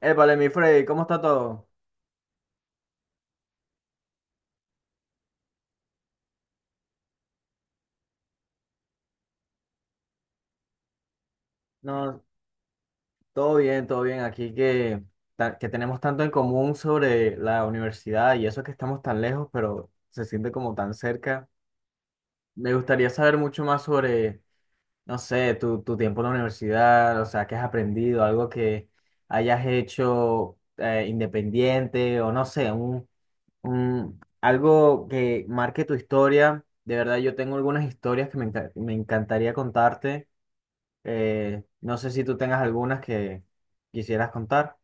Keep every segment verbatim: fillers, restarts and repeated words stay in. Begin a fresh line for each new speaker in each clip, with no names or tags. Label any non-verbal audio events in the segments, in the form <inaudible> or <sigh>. Épale, mi Freddy, ¿cómo está todo? No, todo bien, todo bien. Aquí que, ta- que tenemos tanto en común sobre la universidad y eso que estamos tan lejos, pero se siente como tan cerca. Me gustaría saber mucho más sobre, no sé, tu, tu tiempo en la universidad, o sea, qué has aprendido, algo que hayas hecho eh, independiente o no sé, un, un- algo que marque tu historia. De verdad, yo tengo algunas historias que me enca- me encantaría contarte. Eh, no sé si tú tengas algunas que quisieras contar.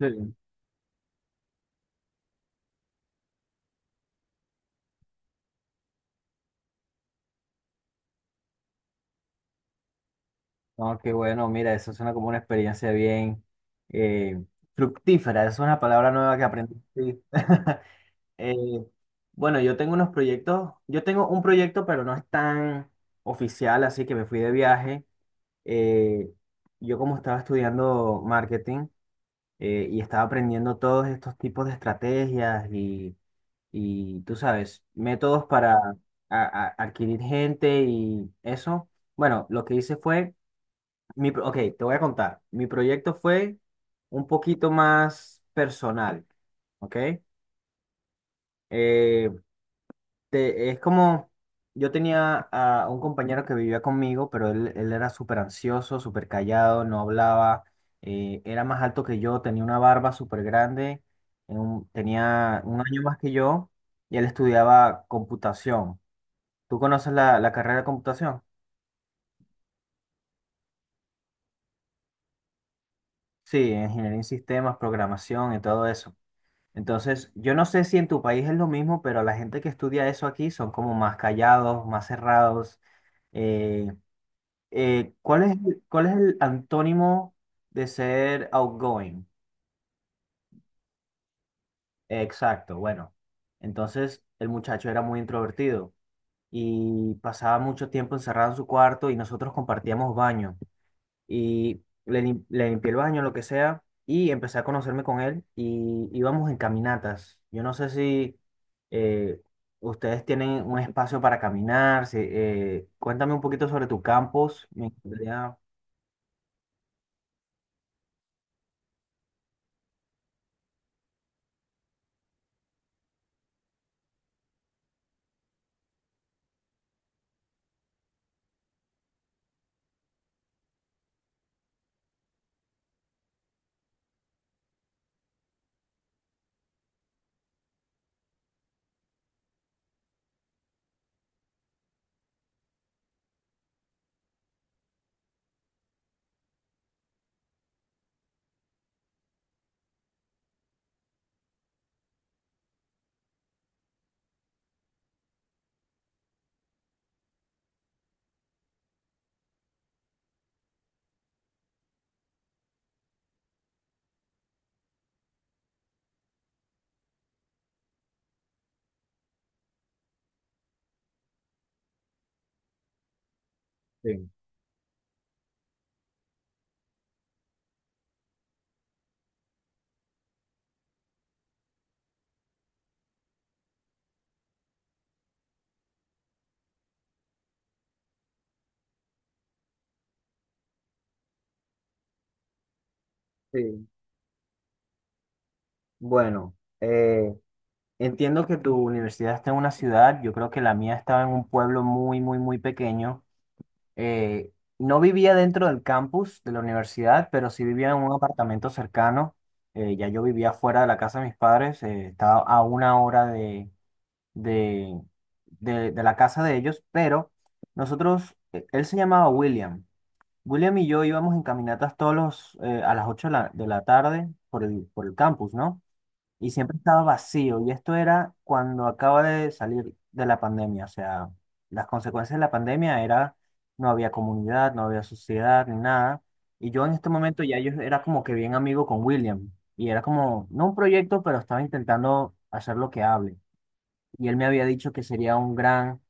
Sí. No, qué bueno, mira, eso suena como una experiencia bien eh, fructífera, es una palabra nueva que aprendí. Sí. <laughs> Eh, bueno, yo tengo unos proyectos, yo tengo un proyecto, pero no es tan oficial, así que me fui de viaje. Eh, yo como estaba estudiando marketing eh, y estaba aprendiendo todos estos tipos de estrategias y y tú sabes, métodos para a- a- adquirir gente y eso. Bueno, lo que hice fue, mi, pro- ok, te voy a contar, mi proyecto fue un poquito más personal, ¿ok? Eh, te- es como, yo tenía a un compañero que vivía conmigo, pero él, él era súper ansioso, súper callado, no hablaba, eh, era más alto que yo, tenía una barba súper grande, en un- tenía un año más que yo y él estudiaba computación. Tú conoces la, la carrera de computación. Sí, ingeniería en sistemas, programación y todo eso. Entonces, yo no sé si en tu país es lo mismo, pero la gente que estudia eso aquí son como más callados, más cerrados. Eh, eh, ¿cuál es, el- cuál es el antónimo de ser outgoing? Exacto, bueno. Entonces, el muchacho era muy introvertido y pasaba mucho tiempo encerrado en su cuarto y nosotros compartíamos baño. Y le, lim- le limpié el baño, lo que sea, y empecé a conocerme con él y íbamos en caminatas. Yo no sé si eh, ustedes tienen un espacio para caminar, si, eh, cuéntame un poquito sobre tu campus, me encantaría. Sí, sí. Bueno, eh, entiendo que tu universidad está en una ciudad, yo creo que la mía estaba en un pueblo muy, muy, muy pequeño. eh, no vivía dentro del campus de la universidad, pero sí vivía en un apartamento cercano. Eh, ya yo vivía fuera de la casa de mis padres, eh, estaba a una hora de, de, de- de la casa de ellos, pero nosotros, eh, él se llamaba William. William y yo íbamos en caminatas todos los, eh, a las ocho de la, de la tarde por el, por el campus, ¿no? Y siempre estaba vacío. Y esto era cuando acaba de salir de la pandemia. O sea, las consecuencias de la pandemia era, no había comunidad, no había sociedad, ni nada. Y yo en este momento ya yo era como que bien amigo con William. Y era como, no un proyecto, pero estaba intentando hacer lo que hable y él me había dicho que sería un gran,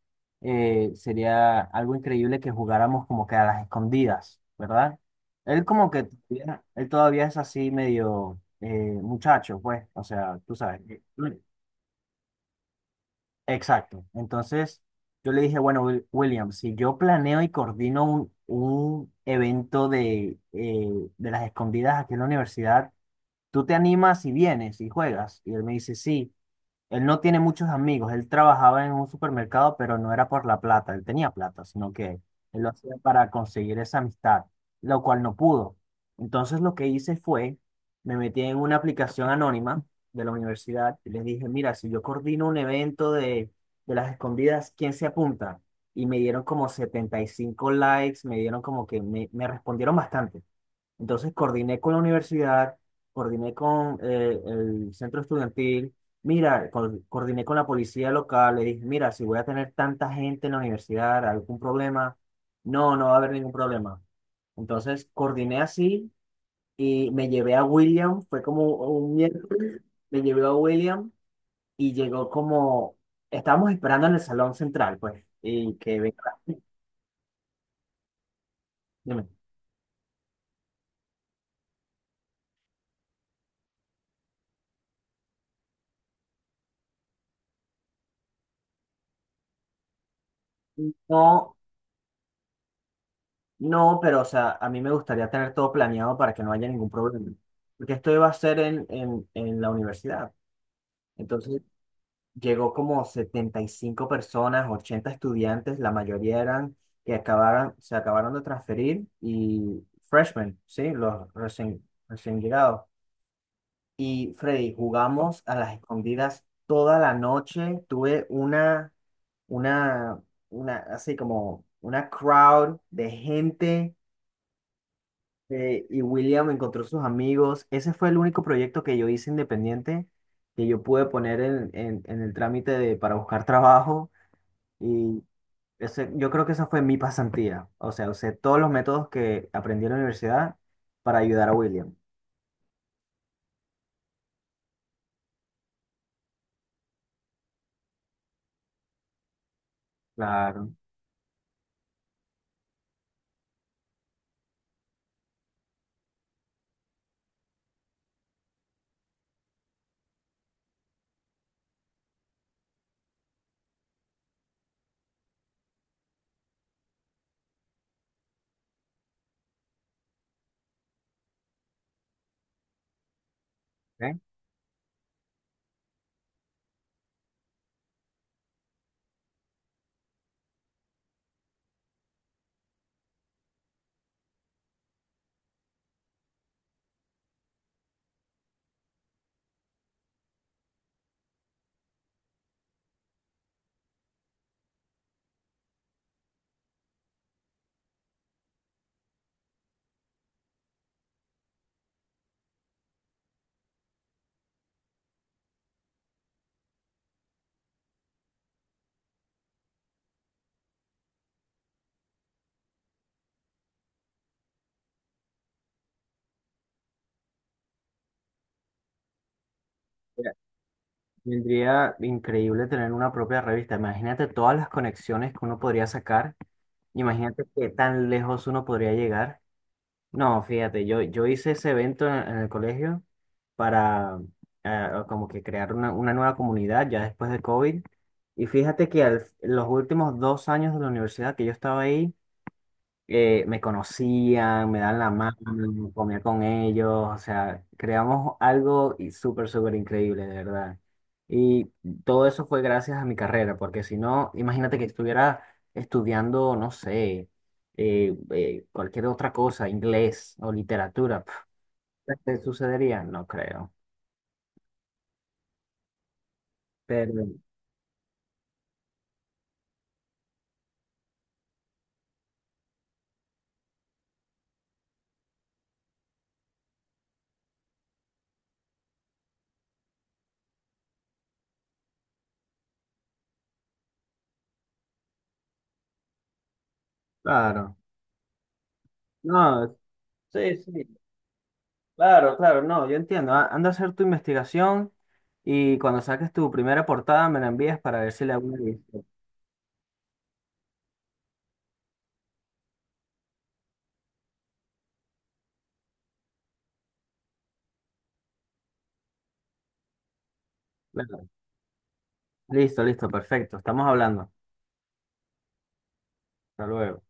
eh, sería algo increíble que jugáramos como que a las escondidas, ¿verdad? Él como que todavía, él todavía es así medio eh, muchacho, pues, o sea, tú sabes. Exacto. Entonces yo le dije, bueno, Wil- William, si yo planeo y coordino un, un evento de, eh, de las escondidas aquí en la universidad, ¿tú te animas y vienes y juegas? Y él me dice, sí. Él no tiene muchos amigos. Él trabajaba en un supermercado, pero no era por la plata. Él tenía plata, sino que él lo hacía para conseguir esa amistad, lo cual no pudo. Entonces lo que hice fue, me metí en una aplicación anónima de la universidad y les dije, mira, si yo coordino un evento de, de las escondidas, ¿quién se apunta? Y me dieron como setenta y cinco likes, me dieron como que me, me respondieron bastante. Entonces coordiné con la universidad, coordiné con eh, el centro estudiantil, mira, co- coordiné con la policía local, le dije, mira, si voy a tener tanta gente en la universidad, ¿algún problema? No, no va a haber ningún problema. Entonces coordiné así y me llevé a William, fue como un miércoles, me llevé a William y llegó como, estábamos esperando en el salón central, pues, y que venga, dime. No, no, pero o sea, a mí me gustaría tener todo planeado para que no haya ningún problema. Porque esto iba a ser en, en, en la universidad. Entonces llegó como setenta y cinco personas, ochenta estudiantes, la mayoría eran que acabaron, se acabaron de transferir y freshmen, ¿sí? Los recién, recién llegados. Y Freddy, jugamos a las escondidas toda la noche. Tuve una, una, una, así como una crowd de gente. Eh, y William encontró sus amigos. Ese fue el único proyecto que yo hice independiente, que yo pude poner en, en- en el trámite de, para buscar trabajo. Y ese- yo creo que esa fue mi pasantía. O sea, usé todos los métodos que aprendí en la universidad para ayudar a William. Claro. ¿Eh? Mira, vendría increíble tener una propia revista. Imagínate todas las conexiones que uno podría sacar. Imagínate qué tan lejos uno podría llegar. No, fíjate, yo, yo hice ese evento en, en el colegio para eh, como que crear una, una nueva comunidad ya después de COVID. Y fíjate que al- los últimos dos años de la universidad que yo estaba ahí, eh, me conocían, me dan la mano, comía con ellos, o sea, creamos algo y súper, súper increíble, de verdad. Y todo eso fue gracias a mi carrera, porque si no, imagínate que estuviera estudiando, no sé, eh, eh, cualquier otra cosa, inglés o literatura, pf, ¿qué sucedería? No creo, pero claro, no, sí, sí, claro, claro, no, yo entiendo. A- Anda a hacer tu investigación y cuando saques tu primera portada me la envías para ver si le hago una edición. Claro. Listo, listo, perfecto. Estamos hablando. Hasta luego.